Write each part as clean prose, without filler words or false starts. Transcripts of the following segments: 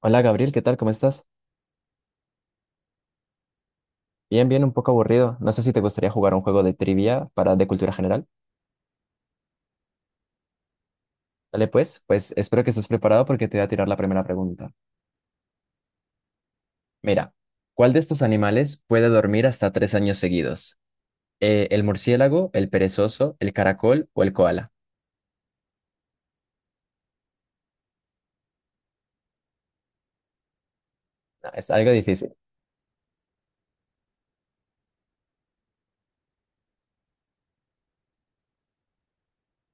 Hola Gabriel, ¿qué tal? ¿Cómo estás? Bien, bien, un poco aburrido. No sé si te gustaría jugar un juego de trivia para de cultura general. Dale pues, pues espero que estés preparado porque te voy a tirar la primera pregunta. Mira, ¿cuál de estos animales puede dormir hasta tres años seguidos? ¿El murciélago, el perezoso, el caracol o el koala? Ah, es algo difícil.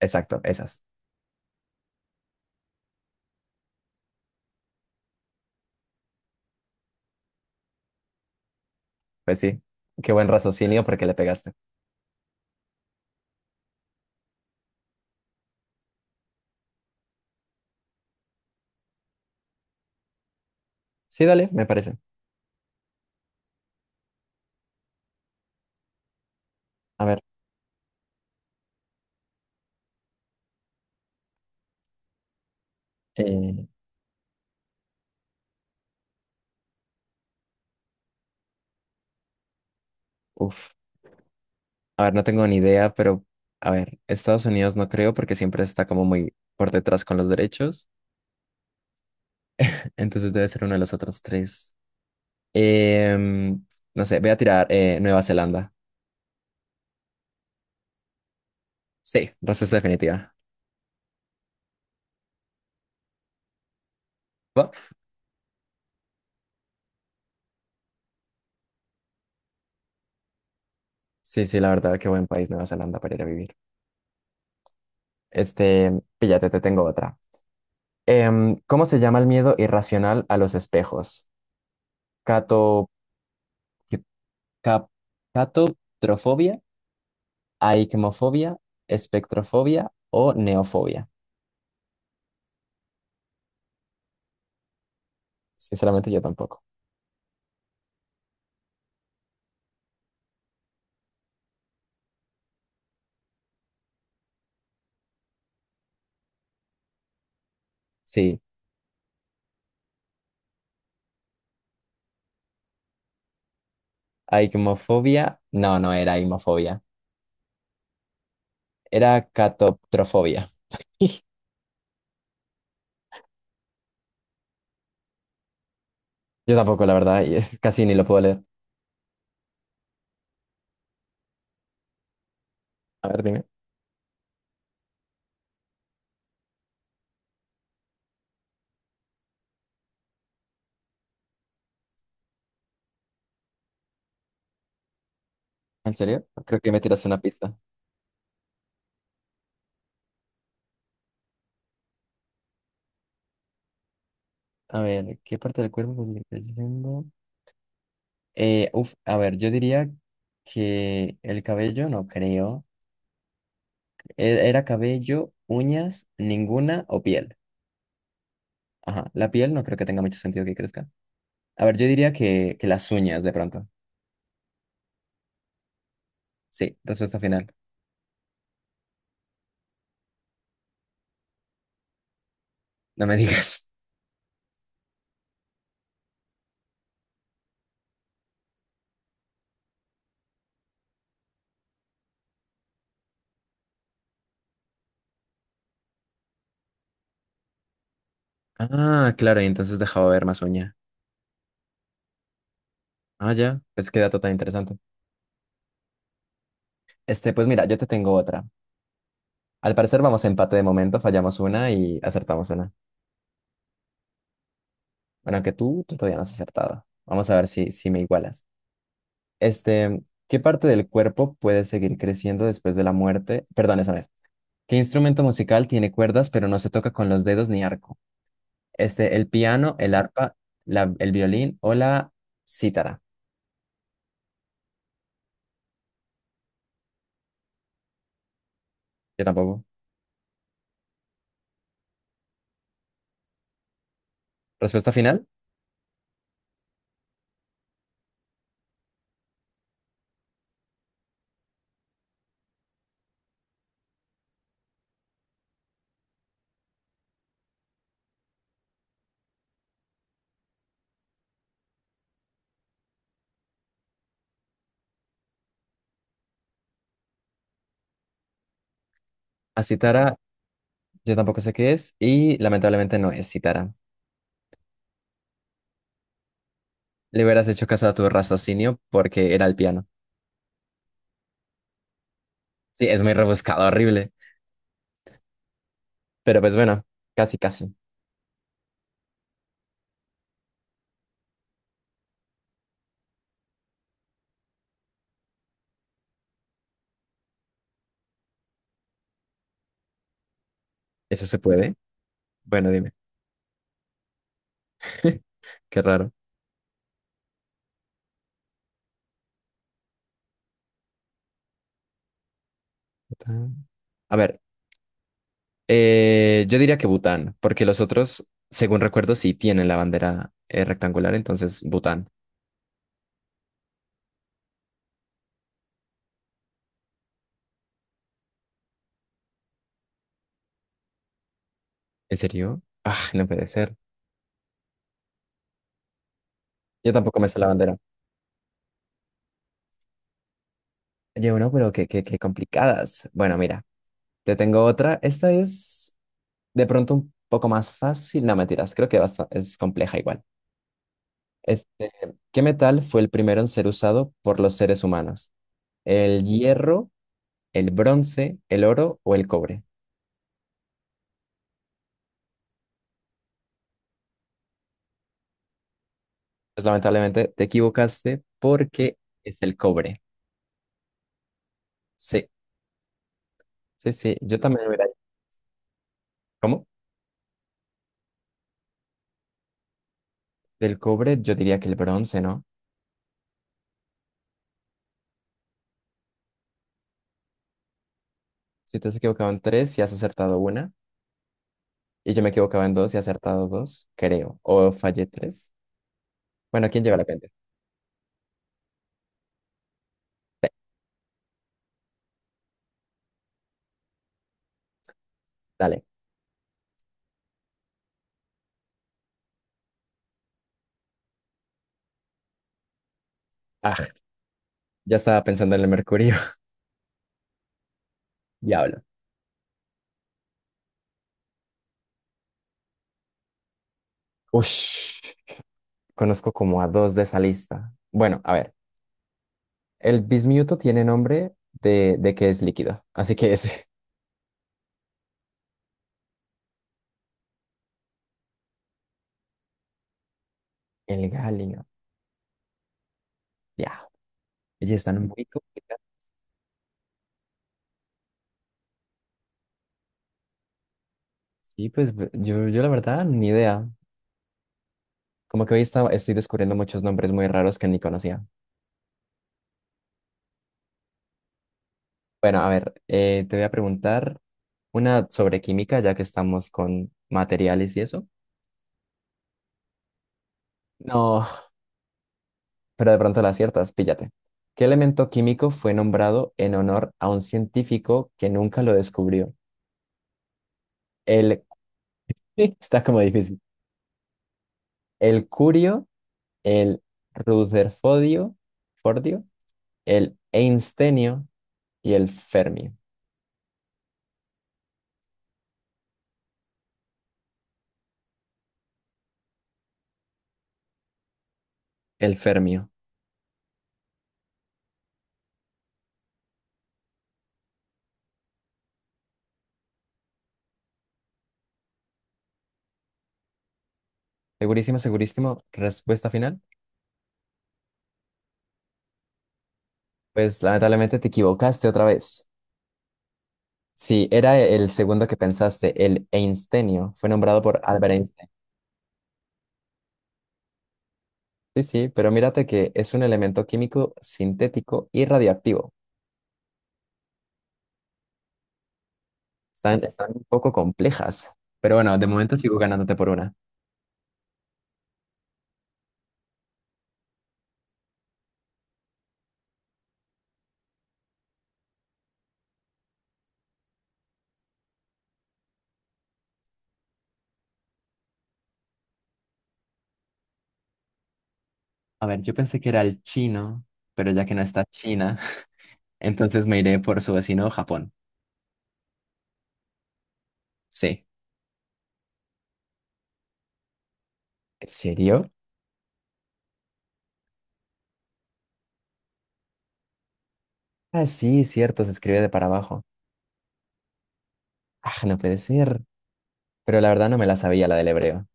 Exacto, esas. Pues sí, qué buen raciocinio porque le pegaste. Sí, dale, me parece. A ver, eh, uf. A ver, no tengo ni idea, pero a ver, Estados Unidos no creo porque siempre está como muy por detrás con los derechos. Entonces debe ser uno de los otros tres. Em, no sé, voy a tirar Nueva Zelanda. Sí, respuesta definitiva. ¿Va? Sí, sí, la verdad, qué buen país Nueva Zelanda para ir a vivir. Este, píllate, te tengo otra. ¿Cómo se llama el miedo irracional a los espejos? Cato, ¿qué- cap- catotrofobia, aikmofobia, espectrofobia o neofobia. Sinceramente yo tampoco. Sí, aigmofobia. No, no era aigmofobia. Era catotrofobia. Yo tampoco, la verdad, y es, casi ni lo puedo leer. A ver, dime. ¿En serio? Creo que me tiras una pista. A ver, ¿qué parte del cuerpo podría estar diciendo? Uf, a ver, yo diría que el cabello, no creo. Era cabello, uñas, ninguna o piel. Ajá, la piel no creo que tenga mucho sentido que crezca. A ver, yo diría que las uñas de pronto. Sí, respuesta final. No me digas. Ah, claro, y entonces dejaba ver más uña. Ah, ya, pues qué dato tan interesante. Este, pues mira, yo te tengo otra. Al parecer vamos a empate de momento, fallamos una y acertamos una. Bueno, que tú todavía no has acertado. Vamos a ver si me igualas. Este, ¿qué parte del cuerpo puede seguir creciendo después de la muerte? Perdón, esa no es. ¿Qué instrumento musical tiene cuerdas pero no se toca con los dedos ni arco? Este, el piano, el arpa, el violín o la cítara. Yo tampoco. Respuesta final, a cítara. Yo tampoco sé qué es y lamentablemente no es cítara. Le hubieras hecho caso a tu raciocinio porque era el piano. Sí, es muy rebuscado, horrible. Pero pues bueno, casi, casi. ¿Eso se puede? Bueno, dime. Qué raro. Bután. A ver, yo diría que Bután, porque los otros, según recuerdo, sí tienen la bandera rectangular, entonces Bután. ¿En serio? Ah, no puede ser. Yo tampoco me sé la bandera. Oye, no, pero qué complicadas. Bueno, mira, te tengo otra. Esta es de pronto un poco más fácil, no mentiras, creo que es compleja igual. Este, ¿qué metal fue el primero en ser usado por los seres humanos? ¿El hierro, el bronce, el oro o el cobre? Pues lamentablemente te equivocaste porque es el cobre. Sí, sí, sí, yo también lo hubiera... ¿Cómo? Del cobre yo diría que el bronce, ¿no? Si te has equivocado en tres y has acertado una, y yo me equivocaba en dos y he acertado dos, creo, o fallé tres. Bueno, ¿quién lleva la cuenta? Dale. Ah, ya estaba pensando en el mercurio. Diablo. Ush, conozco como a dos de esa lista. Bueno, a ver, el bismuto tiene nombre de que es líquido, así que es el galio. Ya, ellas están muy complicadas. Sí, pues yo la verdad, ni idea. Como que hoy estoy descubriendo muchos nombres muy raros que ni conocía. Bueno, a ver, te voy a preguntar una sobre química, ya que estamos con materiales y eso. No, pero de pronto la aciertas, píllate. ¿Qué elemento químico fue nombrado en honor a un científico que nunca lo descubrió? El, está como difícil. El curio, el rutherfordio, fordio, el einstenio y el fermio. El fermio. Segurísimo, segurísimo. Respuesta final. Pues lamentablemente te equivocaste otra vez. Sí, era el segundo que pensaste, el einstenio. Fue nombrado por Albert Einstein. Sí, sí, pero mírate que es un elemento químico sintético y radioactivo. Están, están un poco complejas. Pero bueno, de momento sigo ganándote por una. A ver, yo pensé que era el chino, pero ya que no está China, entonces me iré por su vecino Japón. Sí. ¿En serio? Ah, sí, cierto, se escribe de para abajo. Ah, no puede ser. Pero la verdad no me la sabía la del hebreo.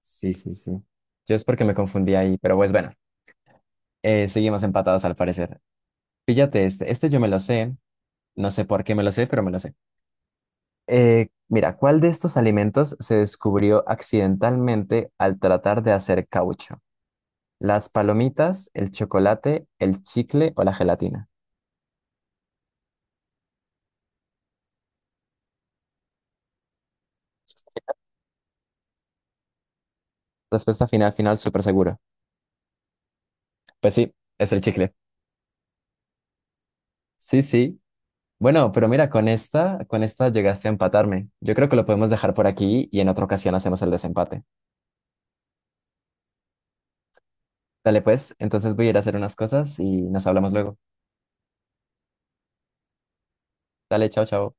Sí, sí, sí. Yo es porque me confundí ahí, pero pues bueno, seguimos empatados al parecer. Fíjate este, este yo me lo sé, no sé por qué me lo sé, pero me lo sé. Mira, ¿cuál de estos alimentos se descubrió accidentalmente al tratar de hacer caucho? ¿Las palomitas, el chocolate, el chicle o la gelatina? Respuesta final, final, súper seguro. Pues sí, es el chicle. Sí, sí. Bueno, pero mira, con esta llegaste a empatarme. Yo creo que lo podemos dejar por aquí y en otra ocasión hacemos el desempate. Dale, pues, entonces voy a ir a hacer unas cosas y nos hablamos luego. Dale, chao, chao.